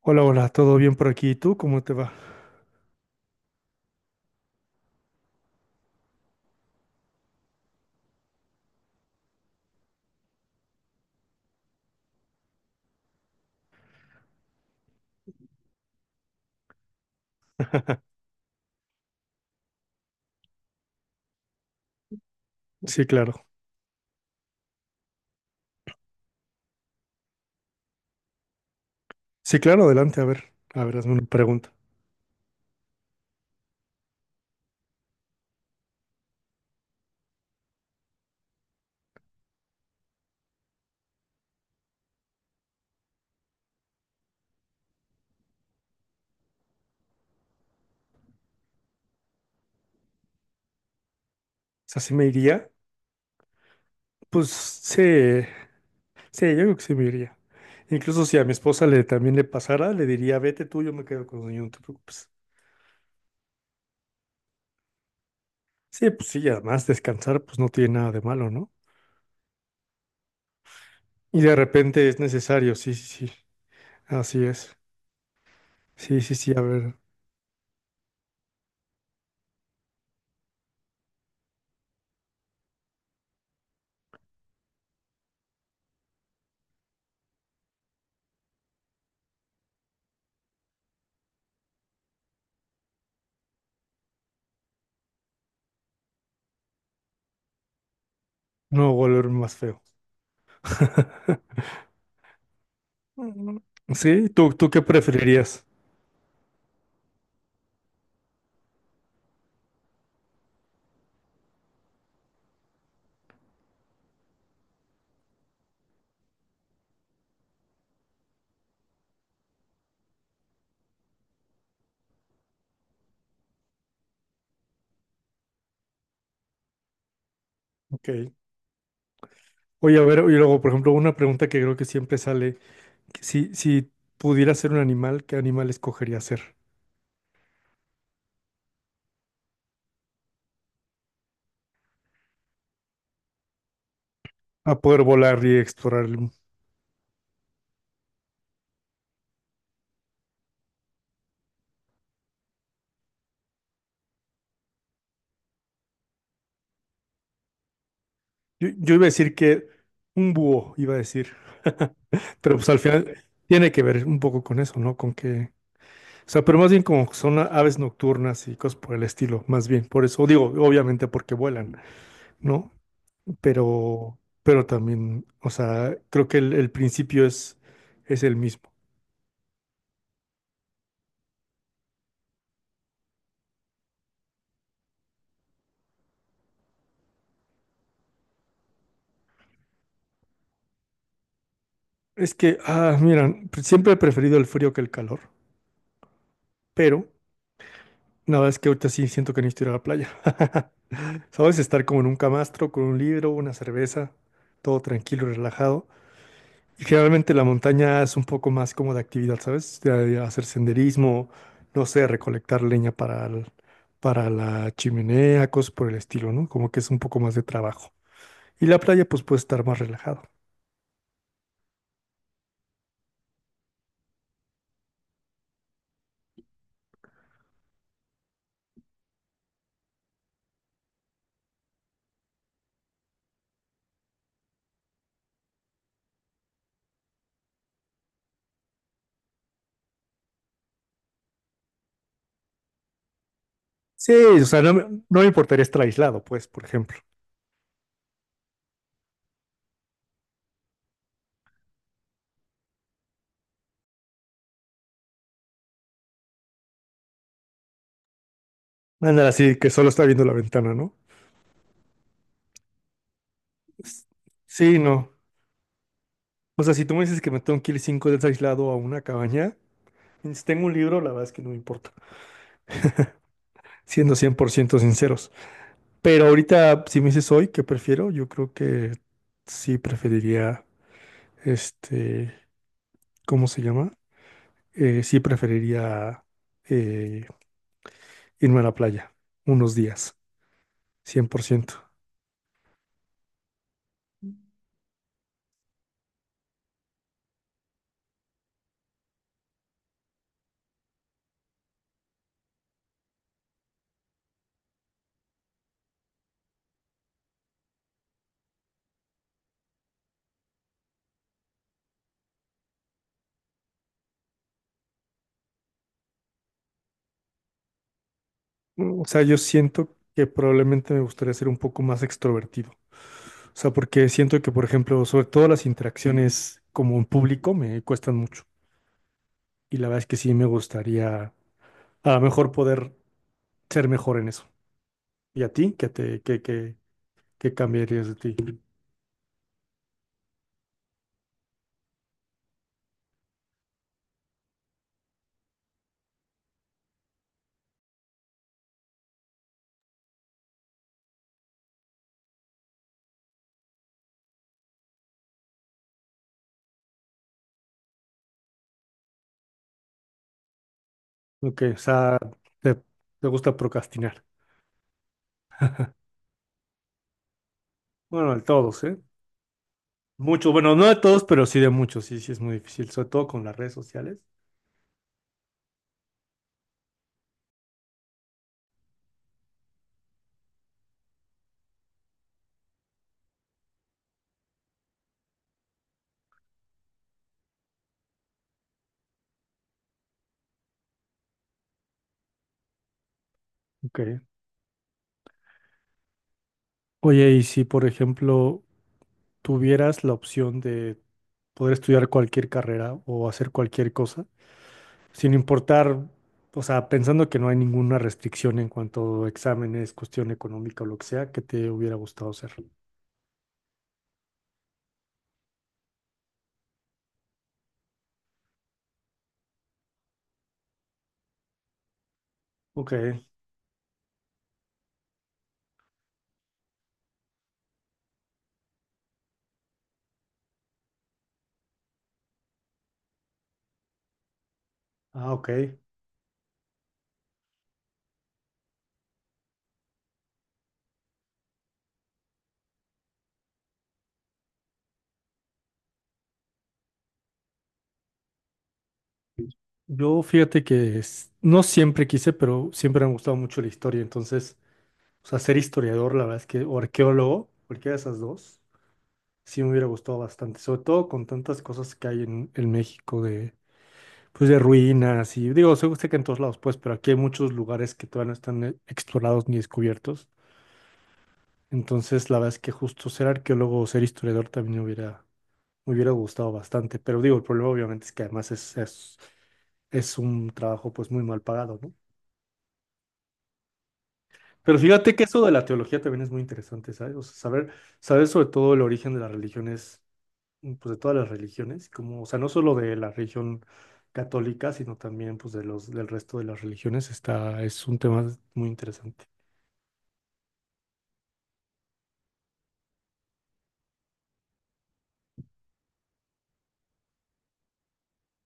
Hola, hola, ¿todo bien por aquí? ¿Y tú cómo te va? Sí, claro. Sí, claro, adelante, a ver. A ver, hazme una pregunta. O sea, ¿sí me iría? Pues sí, sí, yo creo que sí me iría. Incluso si a mi esposa le también le pasara, le diría, vete tú, yo me quedo con el niño, no te preocupes. Sí, pues sí, y además descansar pues no tiene nada de malo, ¿no? Y de repente es necesario, sí, sí, sí. Así es. Sí, sí, sí, a ver, no volver más feo. Mm, Sí, ¿tú qué preferirías? Ok. Oye, a ver, y luego, por ejemplo, una pregunta que creo que siempre sale, que si pudiera ser un animal, ¿qué animal escogería ser? A poder volar y explorar el mundo. Yo iba a decir que un búho, iba a decir, pero pues al final tiene que ver un poco con eso, ¿no? Con que, o sea, pero más bien como son aves nocturnas y cosas por el estilo, más bien, por eso digo, obviamente porque vuelan, ¿no? Pero, pero también, o sea, creo que el principio es el mismo. Es que, ah, mira, siempre he preferido el frío que el calor, pero nada, es que ahorita sí siento que necesito ir a la playa. ¿Sabes? Estar como en un camastro, con un libro, una cerveza, todo tranquilo, y relajado. Y generalmente la montaña es un poco más como de actividad, ¿sabes? De hacer senderismo, no sé, recolectar leña para la chimenea, cosas por el estilo, ¿no? Como que es un poco más de trabajo. Y la playa, pues, puede estar más relajado. Sí, o sea, no me importaría estar aislado, pues, por ejemplo. Ándale, así que solo está viendo la ventana, ¿no? S- Sí, no. O sea, si tú me dices que me tengo que ir 5 días aislado a una cabaña, y si tengo un libro, la verdad es que no me importa, siendo 100% sinceros. Pero ahorita, si me dices hoy qué prefiero, yo creo que sí preferiría, este, ¿cómo se llama? Sí preferiría eh, irme a la playa unos días, 100%. O sea, yo siento que probablemente me gustaría ser un poco más extrovertido. O sea, porque siento que, por ejemplo, sobre todo las interacciones como en público me cuestan mucho. Y la verdad es que sí me gustaría a lo mejor poder ser mejor en eso. ¿Y a ti? ¿Qué te, qué, qué, qué cambiarías de ti? Ok, o sea, te, te gusta procrastinar. Bueno, de todos, ¿eh? Muchos, bueno, no de todos, pero sí de muchos. Sí, sí es muy difícil, sobre todo con las redes sociales. Ok. Oye, y si, por ejemplo, tuvieras la opción de poder estudiar cualquier carrera o hacer cualquier cosa, sin importar, o sea, pensando que no hay ninguna restricción en cuanto a exámenes, cuestión económica o lo que sea, que te hubiera gustado hacer? Ok, ah, ok. Yo fíjate que no siempre quise, pero siempre me ha gustado mucho la historia. Entonces, o sea, ser historiador, la verdad es que, o arqueólogo, cualquiera de esas dos, sí me hubiera gustado bastante. Sobre todo con tantas cosas que hay en México de, pues, de ruinas y, digo, sé que en todos lados, pues, pero aquí hay muchos lugares que todavía no están explorados ni descubiertos. Entonces, la verdad es que justo ser arqueólogo o ser historiador también me hubiera gustado bastante. Pero digo, el problema obviamente es que además es un trabajo pues muy mal pagado, ¿no? Pero fíjate que eso de la teología también es muy interesante, ¿sabes? O sea, saber sobre todo el origen de las religiones, pues de todas las religiones, como, o sea, no solo de la religión católica, sino también pues del resto de las religiones, es un tema muy interesante.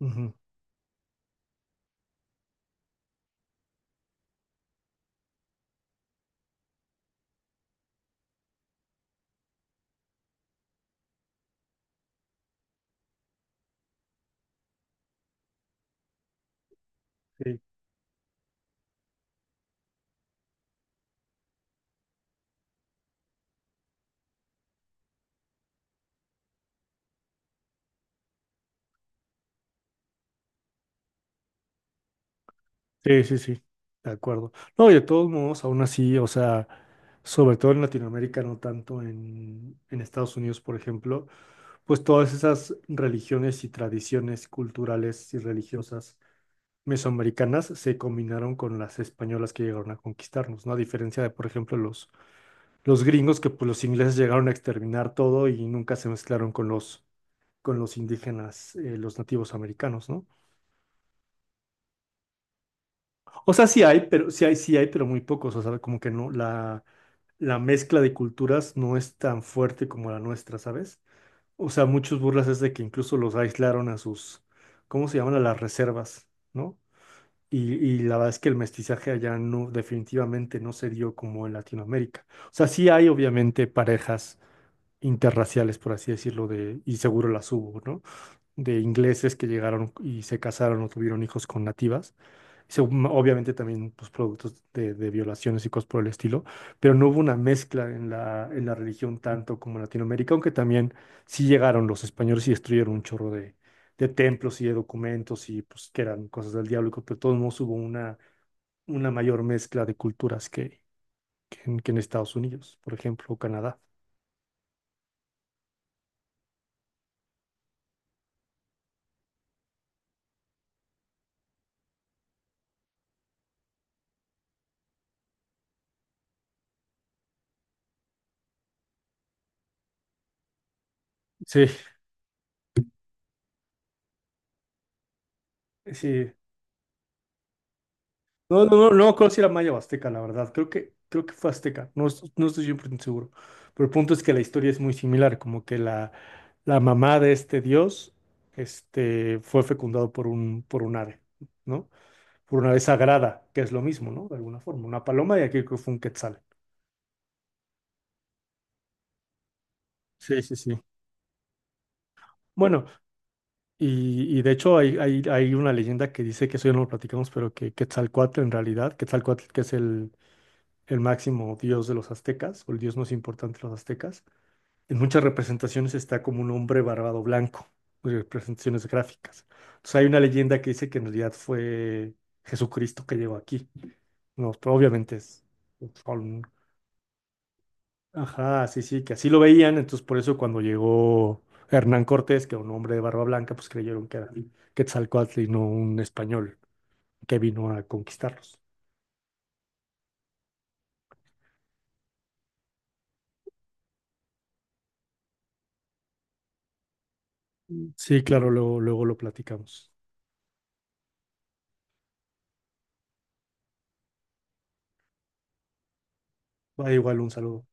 Ujú. Sí. Sí, sí, sí, de acuerdo. No, y de todos modos, aún así, o sea, sobre todo en Latinoamérica, no tanto en Estados Unidos, por ejemplo, pues todas esas religiones y tradiciones culturales y religiosas mesoamericanas se combinaron con las españolas que llegaron a conquistarnos, ¿no? A diferencia de, por ejemplo, los gringos, que pues los ingleses llegaron a exterminar todo y nunca se mezclaron con los indígenas, los nativos americanos, ¿no? O sea, sí hay, pero muy pocos. O sea, como que no, la mezcla de culturas no es tan fuerte como la nuestra, ¿sabes? O sea, muchos burlas es de que incluso los aislaron a sus, ¿cómo se llaman? A las reservas, ¿no? Y la verdad es que el mestizaje allá no, definitivamente no se dio como en Latinoamérica. O sea, sí hay obviamente parejas interraciales, por así decirlo, de, y seguro las hubo, ¿no? De ingleses que llegaron y se casaron o tuvieron hijos con nativas obviamente también pues, productos de violaciones y cosas por el estilo, pero no hubo una mezcla en la religión tanto como en Latinoamérica, aunque también sí llegaron los españoles y destruyeron un chorro de templos y de documentos y pues que eran cosas del diablo, y pero de todos modos hubo una mayor mezcla de culturas que en Estados Unidos, por ejemplo, o Canadá. Sí, sí, no, no, no, no creo si era maya o azteca, la verdad. Creo que fue azteca. No, no estoy 100% seguro. Pero el punto es que la historia es muy similar. Como que la mamá de este dios, fue fecundado por un ave, ¿no? Por una ave sagrada, que es lo mismo, ¿no? De alguna forma. Una paloma y aquí creo que fue un quetzal. Sí, sí, sí. Bueno, y de hecho hay una leyenda que dice que eso ya no lo platicamos, pero que Quetzalcóatl en realidad, Quetzalcóatl que es el máximo dios de los aztecas, o el dios más importante de los aztecas. En muchas representaciones está como un hombre barbado blanco, representaciones gráficas. Entonces hay una leyenda que dice que en realidad fue Jesucristo que llegó aquí. No, pero obviamente es, son- ajá, sí, sí, que así lo veían, entonces por eso cuando llegó Hernán Cortés, que era un hombre de barba blanca, pues creyeron que era Quetzalcóatl y no un español que vino a conquistarlos. Sí, claro, luego, luego lo platicamos. Va igual un saludo.